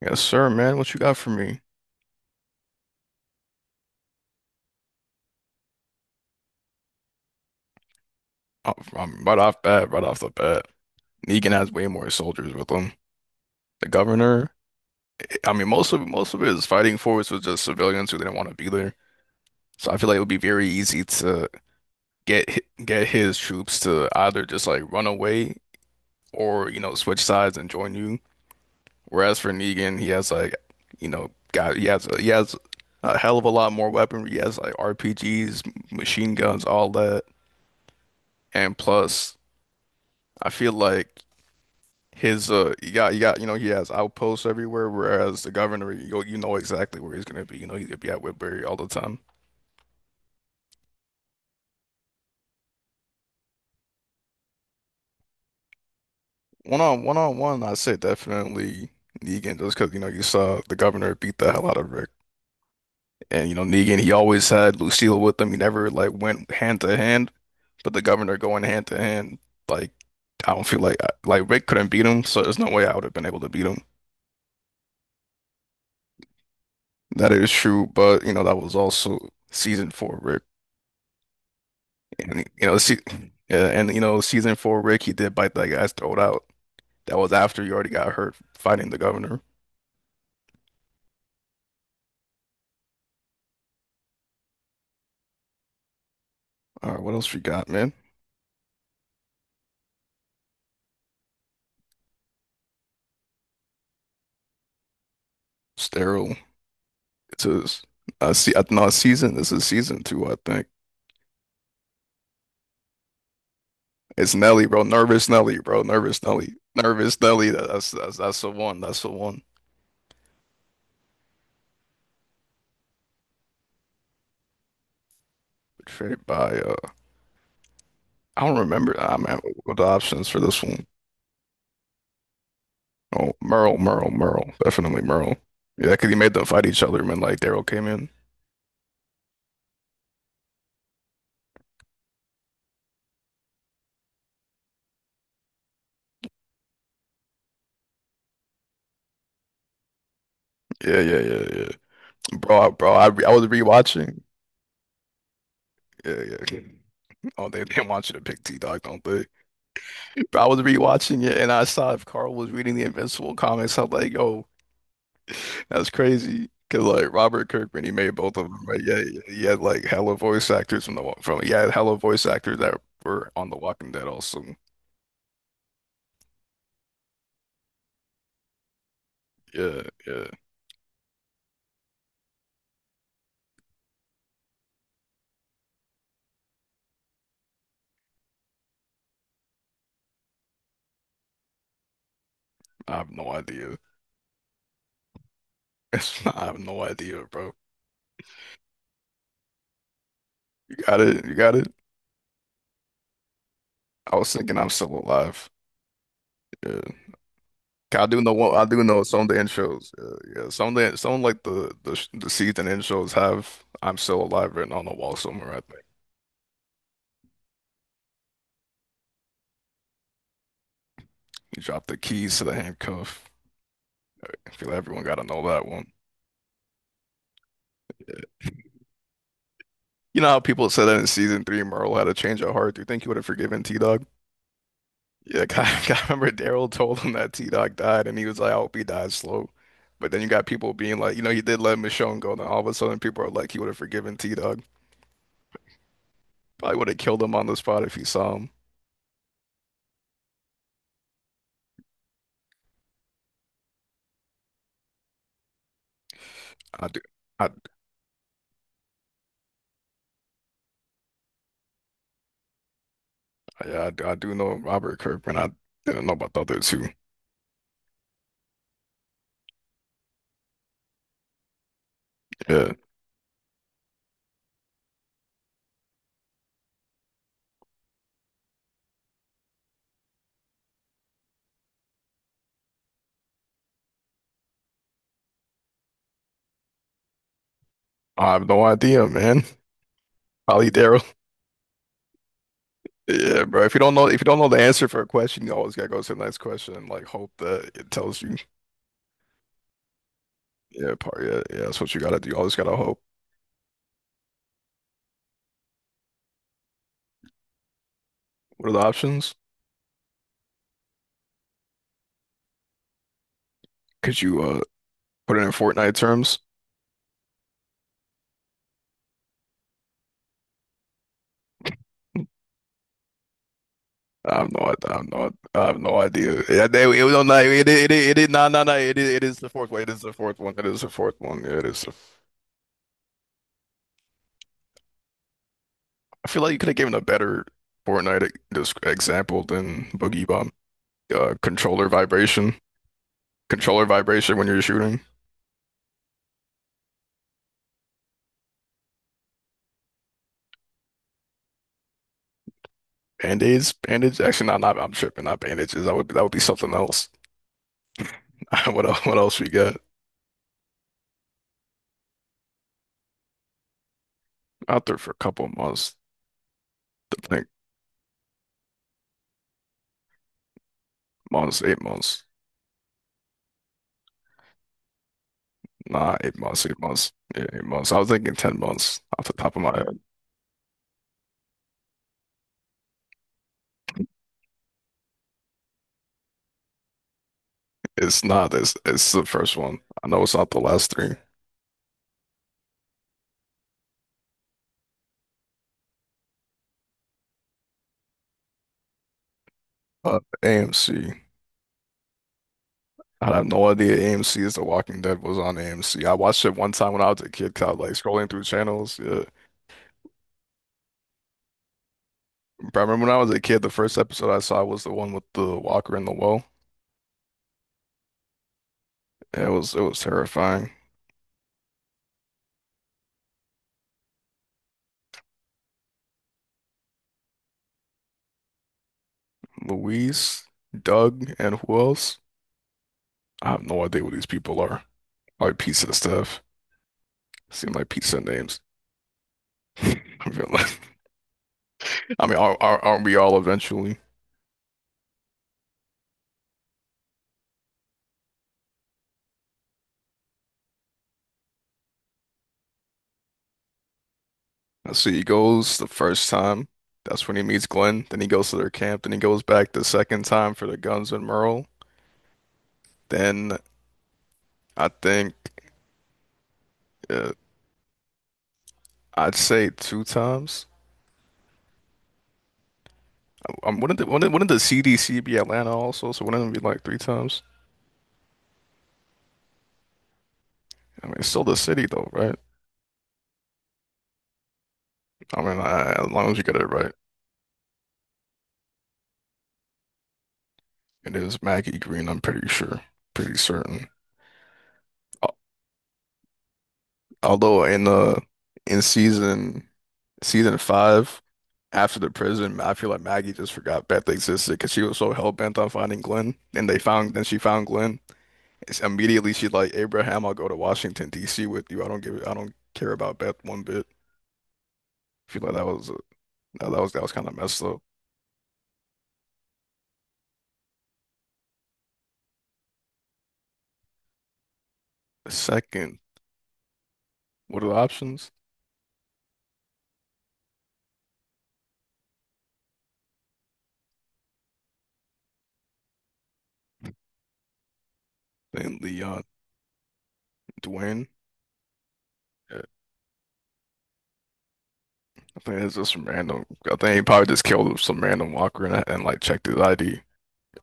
Yes, sir, man. What you got for me? Oh, I'm right off bat, right off the bat. Negan has way more soldiers with him. The governor, I mean, most of his fighting force was just civilians who didn't want to be there. So I feel like it would be very easy to get his troops to either just like run away or, you know, switch sides and join you. Whereas for Negan, he has like, you know, got he has a hell of a lot more weaponry. He has like RPGs, machine guns, all that. And plus, I feel like his you got you got you know he has outposts everywhere, whereas the governor, you know exactly where he's gonna be. You know he's gonna be at Whitbury all the time. One on one on one, I say definitely Negan, just because, you know, you saw the governor beat the hell out of Rick, and you know Negan, he always had Lucille with him, he never like went hand to hand. But the governor going hand to hand, like, I don't feel like, Rick couldn't beat him, so there's no way I would have been able to beat him. That is true, but you know that was also season four Rick. And you know, see, yeah, and you know, season four, Rick, he did bite that guy's throat out. That was after you already got hurt fighting the governor. All right, what else we got, man? Sterile. This is see, no, season. This is season two, I think. It's Nelly, bro. Nervous Nelly, bro. Nervous Nelly. Nervous Nelly. That's that's the one. That's the one. Portrayed by I don't remember. Ah, man, what the options for this one? Oh, Merle. Definitely Merle. Yeah, because he made them fight each other, man. Like Daryl came in. Yeah, yeah, yeah, yeah. Bro, I was rewatching. Yeah, yeah. Oh, they didn't want you to pick T-Dog, don't they? But I was rewatching it, and I saw if Carl was reading the Invincible comics. I'm like, yo, that's crazy. Cause like Robert Kirkman, he made both of them, right? Yeah, yeah, he had like hella voice actors from, yeah, hella voice actors that were on The Walking Dead also. Yeah, yeah. I have no idea. I have no idea, bro. You got it. You got it. I was thinking I'm still alive. Yeah. I do know one, I do know some of the intros. Yeah, some of the some like the sh- the season intros have "I'm Still Alive" written on the wall somewhere, I think. You drop the keys to the handcuff. I feel like everyone got to know that one. You know how people said that in season three, Merle had a change of heart. Do you think he would have forgiven T-Dog? Yeah. I remember Daryl told him that T-Dog died, and he was like, "I hope he dies slow." But then you got people being like, you know, he did let Michonne go, and then all of a sudden people are like, he would have forgiven T-Dog. Probably would have killed him on the spot if he saw him. I do. Yeah, I do know Robert Kirkman. I didn't know about the other two. Yeah, I have no idea, man. Probably Daryl. Yeah, bro. If you don't know the answer for a question, you always gotta go to the next question and like hope that it tells you. Yeah, part. Yeah, yeah. That's what you gotta do. You always gotta hope. What are the options? Could you put it in Fortnite terms? I have no idea. Yeah, they, it, was on that- it, no, no, no, it is the fourth one. It is the fourth one. It is the fourth one. Yeah, it is. The I feel like you could have given a better just example than Boogie Bomb. Uh, controller vibration, controller vibration when you're shooting. Band-aids, band Actually, not. I'm tripping. Not bandages. That would be something else. What else? What else we got out there for a couple of months? I think 8 months. 8 months. I was thinking 10 months off the top of my head. It's not. It's the first one. I know it's not the last three. AMC. I have no idea. AMC is. The Walking Dead was on AMC. I watched it one time when I was a kid, kind of like scrolling through channels. Yeah. But I remember when I was a kid, the first episode I saw was the one with the walker in the well. It was terrifying. Louise, Doug, and who else? I have no idea what these people are. Like pizza stuff. Seem like pizza names. I feel like, I mean, aren't we all eventually? So he goes the first time. That's when he meets Glenn. Then he goes to their camp. Then he goes back the second time for the guns and Merle. Then I think uh, I'd say two times. Wouldn't the CDC be Atlanta also? So wouldn't it be like three times? I mean, it's still the city though, right? I mean, I, as long as you get it right, it is Maggie Green. I'm pretty sure, pretty certain. Al- Although in in season season five, after the prison, I feel like Maggie just forgot Beth existed because she was so hell bent on finding Glenn, and they found then she found Glenn. It's immediately she's like, Abraham, I'll go to Washington, D.C. with you. I don't care about Beth one bit. I feel like that was that was that was kind of messed up. Second, what are the options? Then Leon, Dwayne. Yeah, I think it's just some random. I think he probably just killed some random walker and, like checked his ID.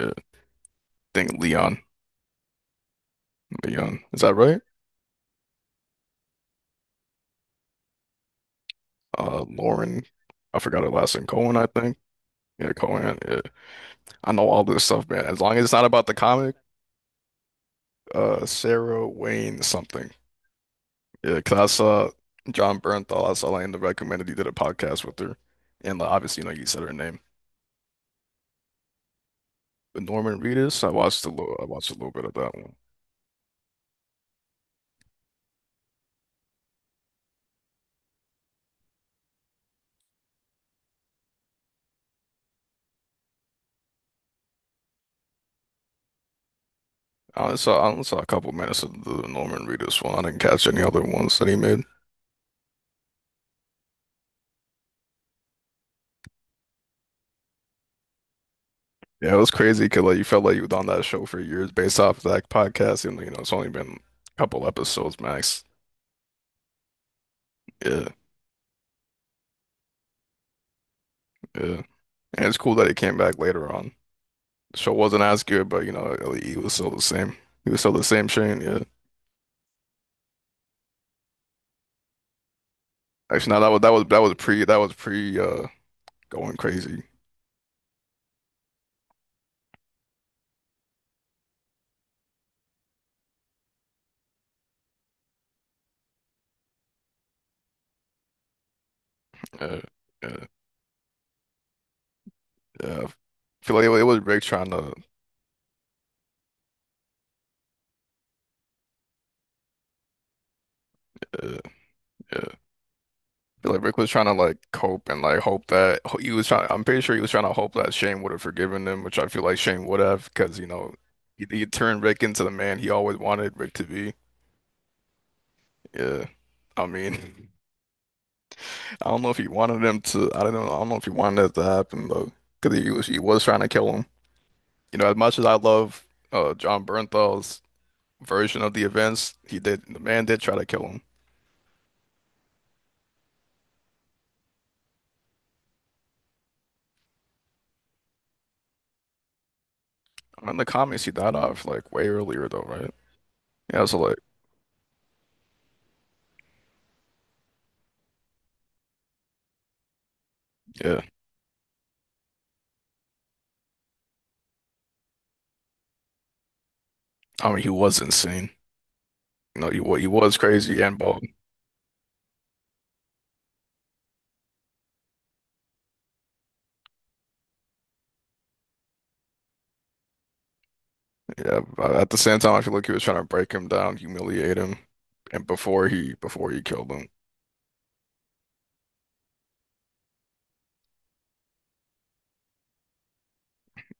Yeah, I think Leon, is that right? Lauren, I forgot her last name. Cohen, I think. Yeah, Cohen. Yeah. I know all this stuff, man. As long as it's not about the comic, Sarah Wayne something. Yeah, because I saw John Bernthal. I saw like in the recommended he did a podcast with her, and like, obviously, you know, you said her name. But Norman Reedus, I watched a little bit of that one. I only saw a couple minutes of the Norman Reedus one. I didn't catch any other ones that he made. Yeah, it was crazy because like you felt like you was on that show for years based off that podcast, and you know it's only been a couple episodes max. Yeah, yeah, and it's cool that he came back later on. The show wasn't as good, but you know he was still the same. He was still the same Shane. Yeah. Actually, no, that was pre, that was pre, going crazy. Uh, yeah, yeah. I feel like it was Rick trying to, uh, yeah. I feel like Rick was trying to like cope and like hope that he was trying. I'm pretty sure he was trying to hope that Shane would have forgiven him, which I feel like Shane would have, because you know he turned Rick into the man he always wanted Rick to be. Yeah, I mean, I don't know if he wanted him to. I don't know. I don't know if he wanted that to happen though, because he was trying to kill him. You know, as much as I love John Bernthal's version of the events, he did the man did try to kill him. In the comics, he died off like way earlier though, right? Yeah, so like, yeah, I mean, he was insane. You know, he was crazy and bald. Yeah, but at the same time, I feel like he was trying to break him down, humiliate him, and before he killed him.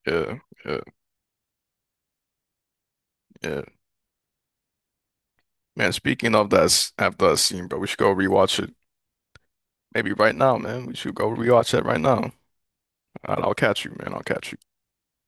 Yeah, yeah, yeah. Man, speaking of that, after that scene, bro, we should go rewatch it. Maybe right now, man. We should go rewatch that right now. All right, I'll catch you, man. I'll catch you.